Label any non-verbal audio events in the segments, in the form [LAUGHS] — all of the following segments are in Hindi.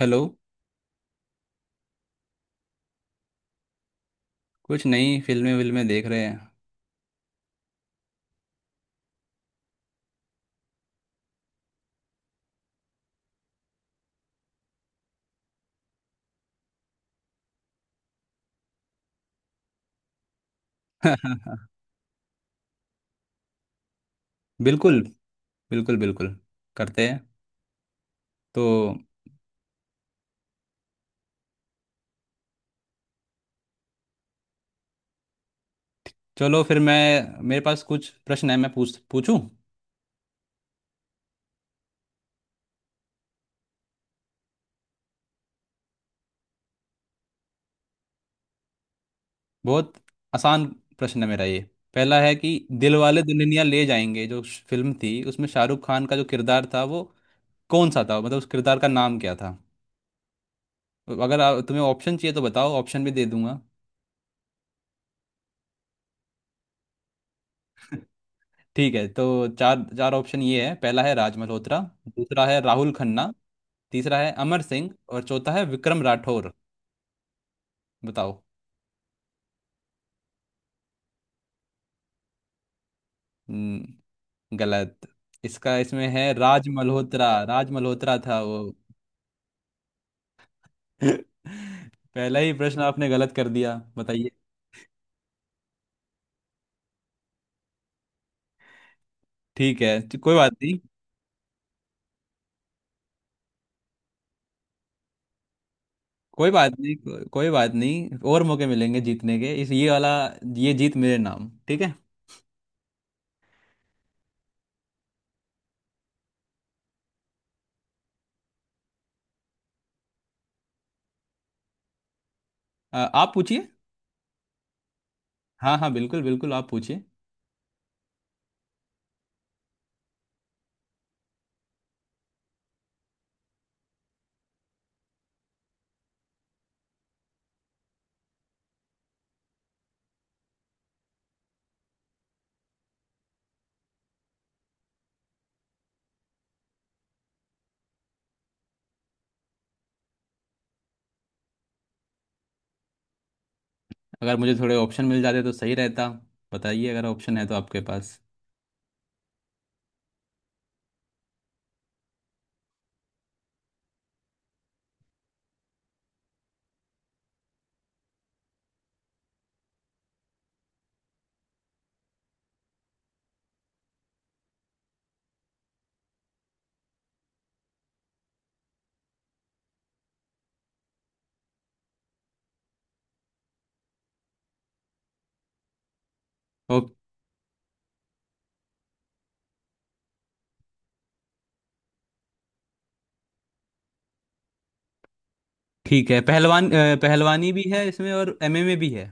हेलो। कुछ नई फिल्में विल्में देख रहे हैं। [LAUGHS] बिल्कुल। बिल्कुल बिल्कुल, करते हैं तो। चलो फिर, मैं, मेरे पास कुछ प्रश्न है, मैं पूछूं। बहुत आसान प्रश्न है मेरा। ये पहला है कि दिलवाले दुल्हनिया ले जाएंगे जो फिल्म थी, उसमें शाहरुख खान का जो किरदार था वो कौन सा था, मतलब उस किरदार का नाम क्या था। अगर आप, तुम्हें ऑप्शन चाहिए तो बताओ, ऑप्शन भी दे दूंगा। ठीक है, तो चार चार ऑप्शन ये है। पहला है राज मल्होत्रा, दूसरा है राहुल खन्ना, तीसरा है अमर सिंह और चौथा है विक्रम राठौर। बताओ। हम्म, गलत। इसका, इसमें है राज मल्होत्रा, राज मल्होत्रा था वो। [LAUGHS] पहला ही प्रश्न आपने गलत कर दिया, बताइए। ठीक है, तो कोई बात नहीं। कोई बात नहीं कोई बात नहीं, और मौके मिलेंगे जीतने के, इस ये वाला, ये जीत मेरे नाम। ठीक है। आप पूछिए। हाँ हाँ, बिल्कुल बिल्कुल, आप पूछिए। अगर मुझे थोड़े ऑप्शन मिल जाते तो सही रहता। बताइए अगर ऑप्शन है तो आपके पास। ओ। ठीक है। पहलवान, पहलवानी भी है इसमें और एमएमए भी है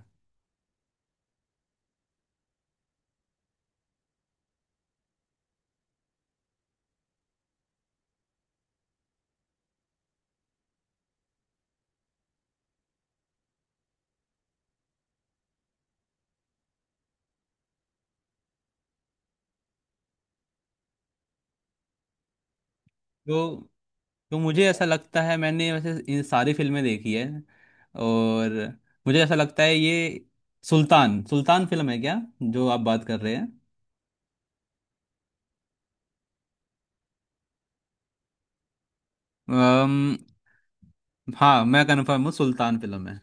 तो। तो मुझे ऐसा लगता है, मैंने वैसे इन सारी फिल्में देखी है, और मुझे ऐसा लगता है ये सुल्तान सुल्तान फिल्म है क्या जो आप बात कर रहे हैं। अम, हाँ, मैं कंफर्म हूँ, सुल्तान फिल्म है।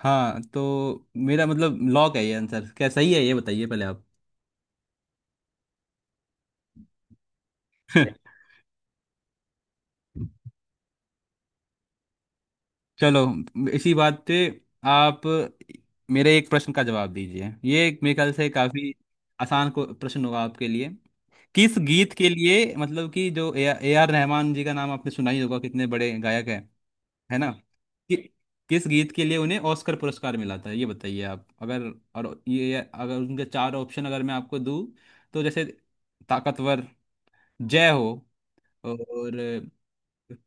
हाँ, तो मेरा मतलब लॉक है। ये आंसर क्या सही है, ये बताइए पहले आप। [LAUGHS] चलो, इसी बात पे आप मेरे एक प्रश्न का जवाब दीजिए। ये एक मेरे ख्याल से काफी आसान को प्रश्न होगा आपके लिए। किस गीत के लिए, मतलब कि जो A A R Rahman ji का नाम आपने सुना ही होगा, कितने बड़े गायक हैं, है ना, कि, किस गीत के लिए उन्हें ऑस्कर पुरस्कार मिला था, ये बताइए आप। अगर, और ये अगर उनके चार ऑप्शन अगर मैं आपको दूं, तो जैसे ताकतवर, जय हो, और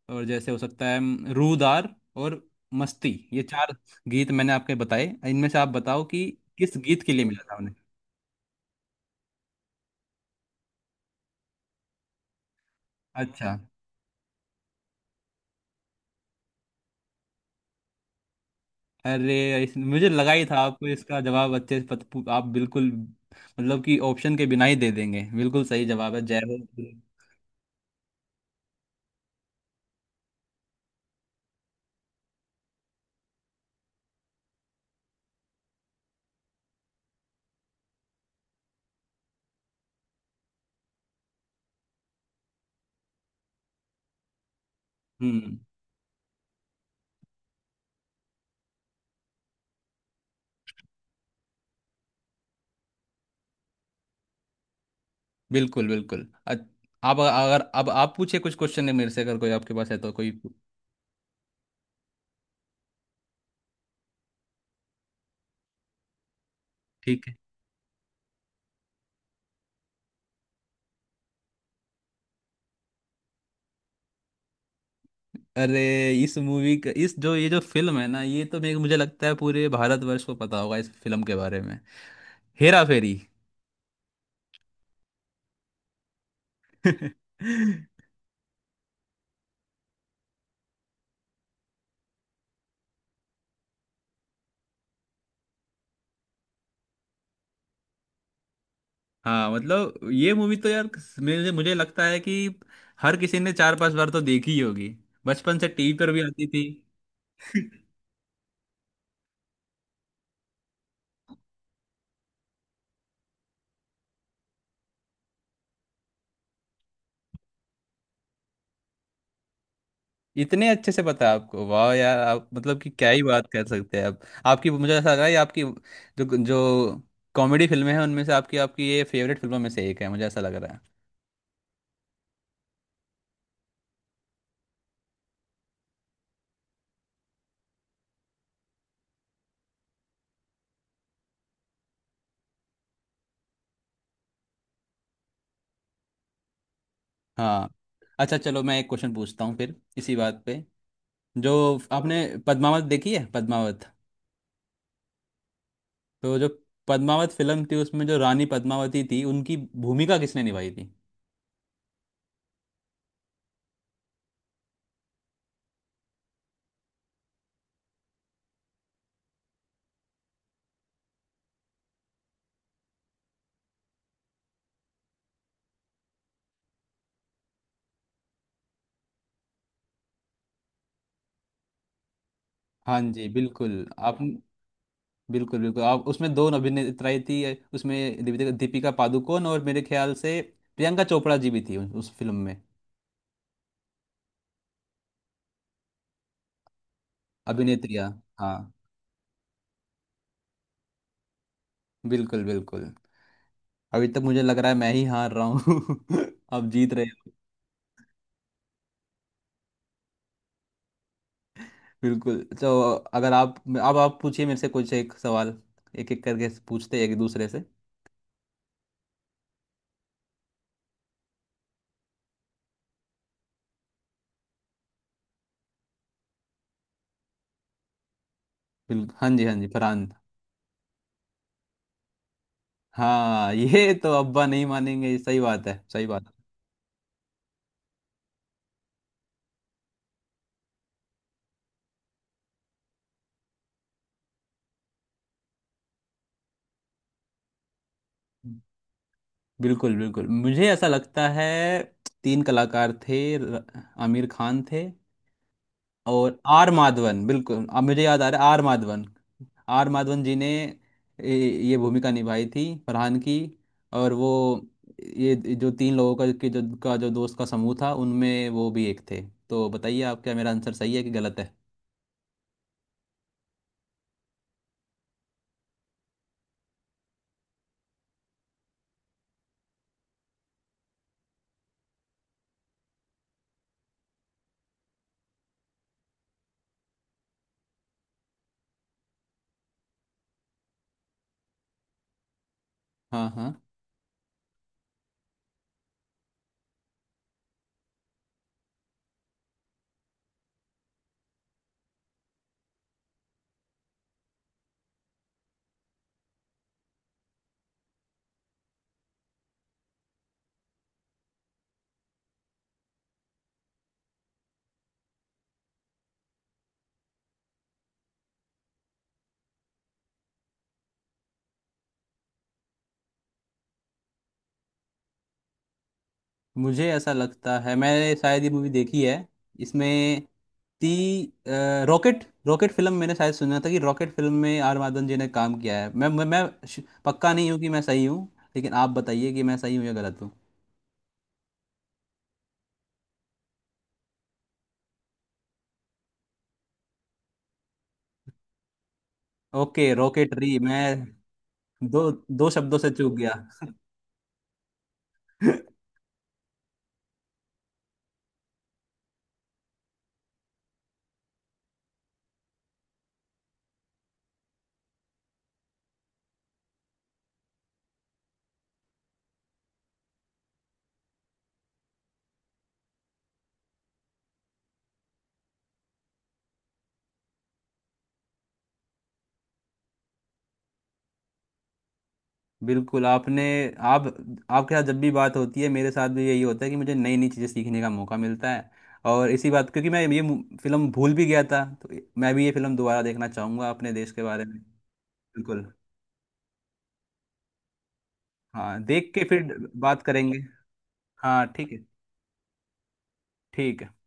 और जैसे हो सकता है रूदार और मस्ती, ये चार गीत मैंने आपके बताए। इनमें से आप बताओ कि किस गीत के लिए मिला था उन्हें। अच्छा। अरे मुझे लगा ही था आपको इसका जवाब अच्छे से आप बिल्कुल, मतलब कि ऑप्शन के बिना ही दे देंगे। बिल्कुल सही जवाब है जय हो। हम्म, बिल्कुल बिल्कुल। आप अगर, अब आप पूछे, कुछ क्वेश्चन है मेरे से अगर कोई आपके पास है तो, कोई ठीक है। अरे इस मूवी का, इस जो ये जो फिल्म है ना, ये तो मेरे मुझे लगता है पूरे भारतवर्ष को पता होगा इस फिल्म के बारे में। हेरा फेरी। [LAUGHS] हाँ, मतलब ये मूवी तो यार, मुझे मुझे लगता है कि हर किसी ने चार पांच बार तो देखी ही होगी, बचपन से टीवी पर भी आती थी। [LAUGHS] इतने अच्छे से पता है आपको, वाह यार, आप मतलब कि क्या ही बात कर सकते हैं आप। आपकी, मुझे ऐसा लग रहा है ये आपकी जो जो कॉमेडी फिल्में हैं उनमें से आपकी आपकी ये फेवरेट फिल्मों में से एक है, मुझे ऐसा लग रहा है हाँ। अच्छा चलो, मैं एक क्वेश्चन पूछता हूँ फिर इसी बात पे। जो आपने पद्मावत देखी है, पद्मावत। तो जो पद्मावत फिल्म थी, उसमें जो रानी पद्मावती थी, उनकी भूमिका किसने निभाई थी। हाँ जी, बिल्कुल आप, बिल्कुल बिल्कुल। आप, उसमें दो अभिनेत्राएं थी। उसमें दीपिका दीपिका पादुकोण और मेरे ख्याल से प्रियंका चोपड़ा जी भी थी उस फिल्म में, अभिनेत्रियाँ। हाँ, बिल्कुल बिल्कुल। अभी तक मुझे लग रहा है मैं ही हार रहा हूँ। [LAUGHS] आप जीत रहे। बिल्कुल। तो अगर आप, अब आप पूछिए मेरे से कुछ एक सवाल, एक एक करके पूछते हैं एक दूसरे से। बिल्कुल, हाँ जी हाँ जी, फरहान। हाँ ये तो, अब्बा नहीं मानेंगे, ये सही बात है, सही बात है। बिल्कुल बिल्कुल, मुझे ऐसा लगता है तीन कलाकार थे। आमिर खान थे, और आर माधवन, बिल्कुल अब मुझे याद आ रहा है, आर माधवन। आर माधवन जी ने ये ये भूमिका निभाई थी फरहान की, और वो ये जो तीन लोगों का, के जो, का जो दोस्त का समूह था, उनमें वो भी एक थे। तो बताइए आप, क्या मेरा आंसर सही है कि गलत है। हाँ हाँ, मुझे ऐसा लगता है मैंने शायद ये मूवी देखी है। इसमें रॉकेट रॉकेट फिल्म, मैंने शायद सुना था कि रॉकेट फिल्म में आर माधवन जी ने काम किया है। मैं पक्का नहीं हूँ कि मैं सही हूँ, लेकिन आप बताइए कि मैं सही हूँ या गलत हूँ। Okay, rocketry. मैं दो दो शब्दों से चूक गया। [LAUGHS] बिल्कुल। आपने आप आपके साथ जब भी बात होती है, मेरे साथ भी यही होता है कि मुझे नई नई चीज़ें सीखने का मौका मिलता है। और इसी बात, क्योंकि मैं ये फिल्म भूल भी गया था, तो मैं भी ये फिल्म दोबारा देखना चाहूँगा अपने देश के बारे में। बिल्कुल। हाँ, देख के फिर बात करेंगे। हाँ ठीक है। ठीक है।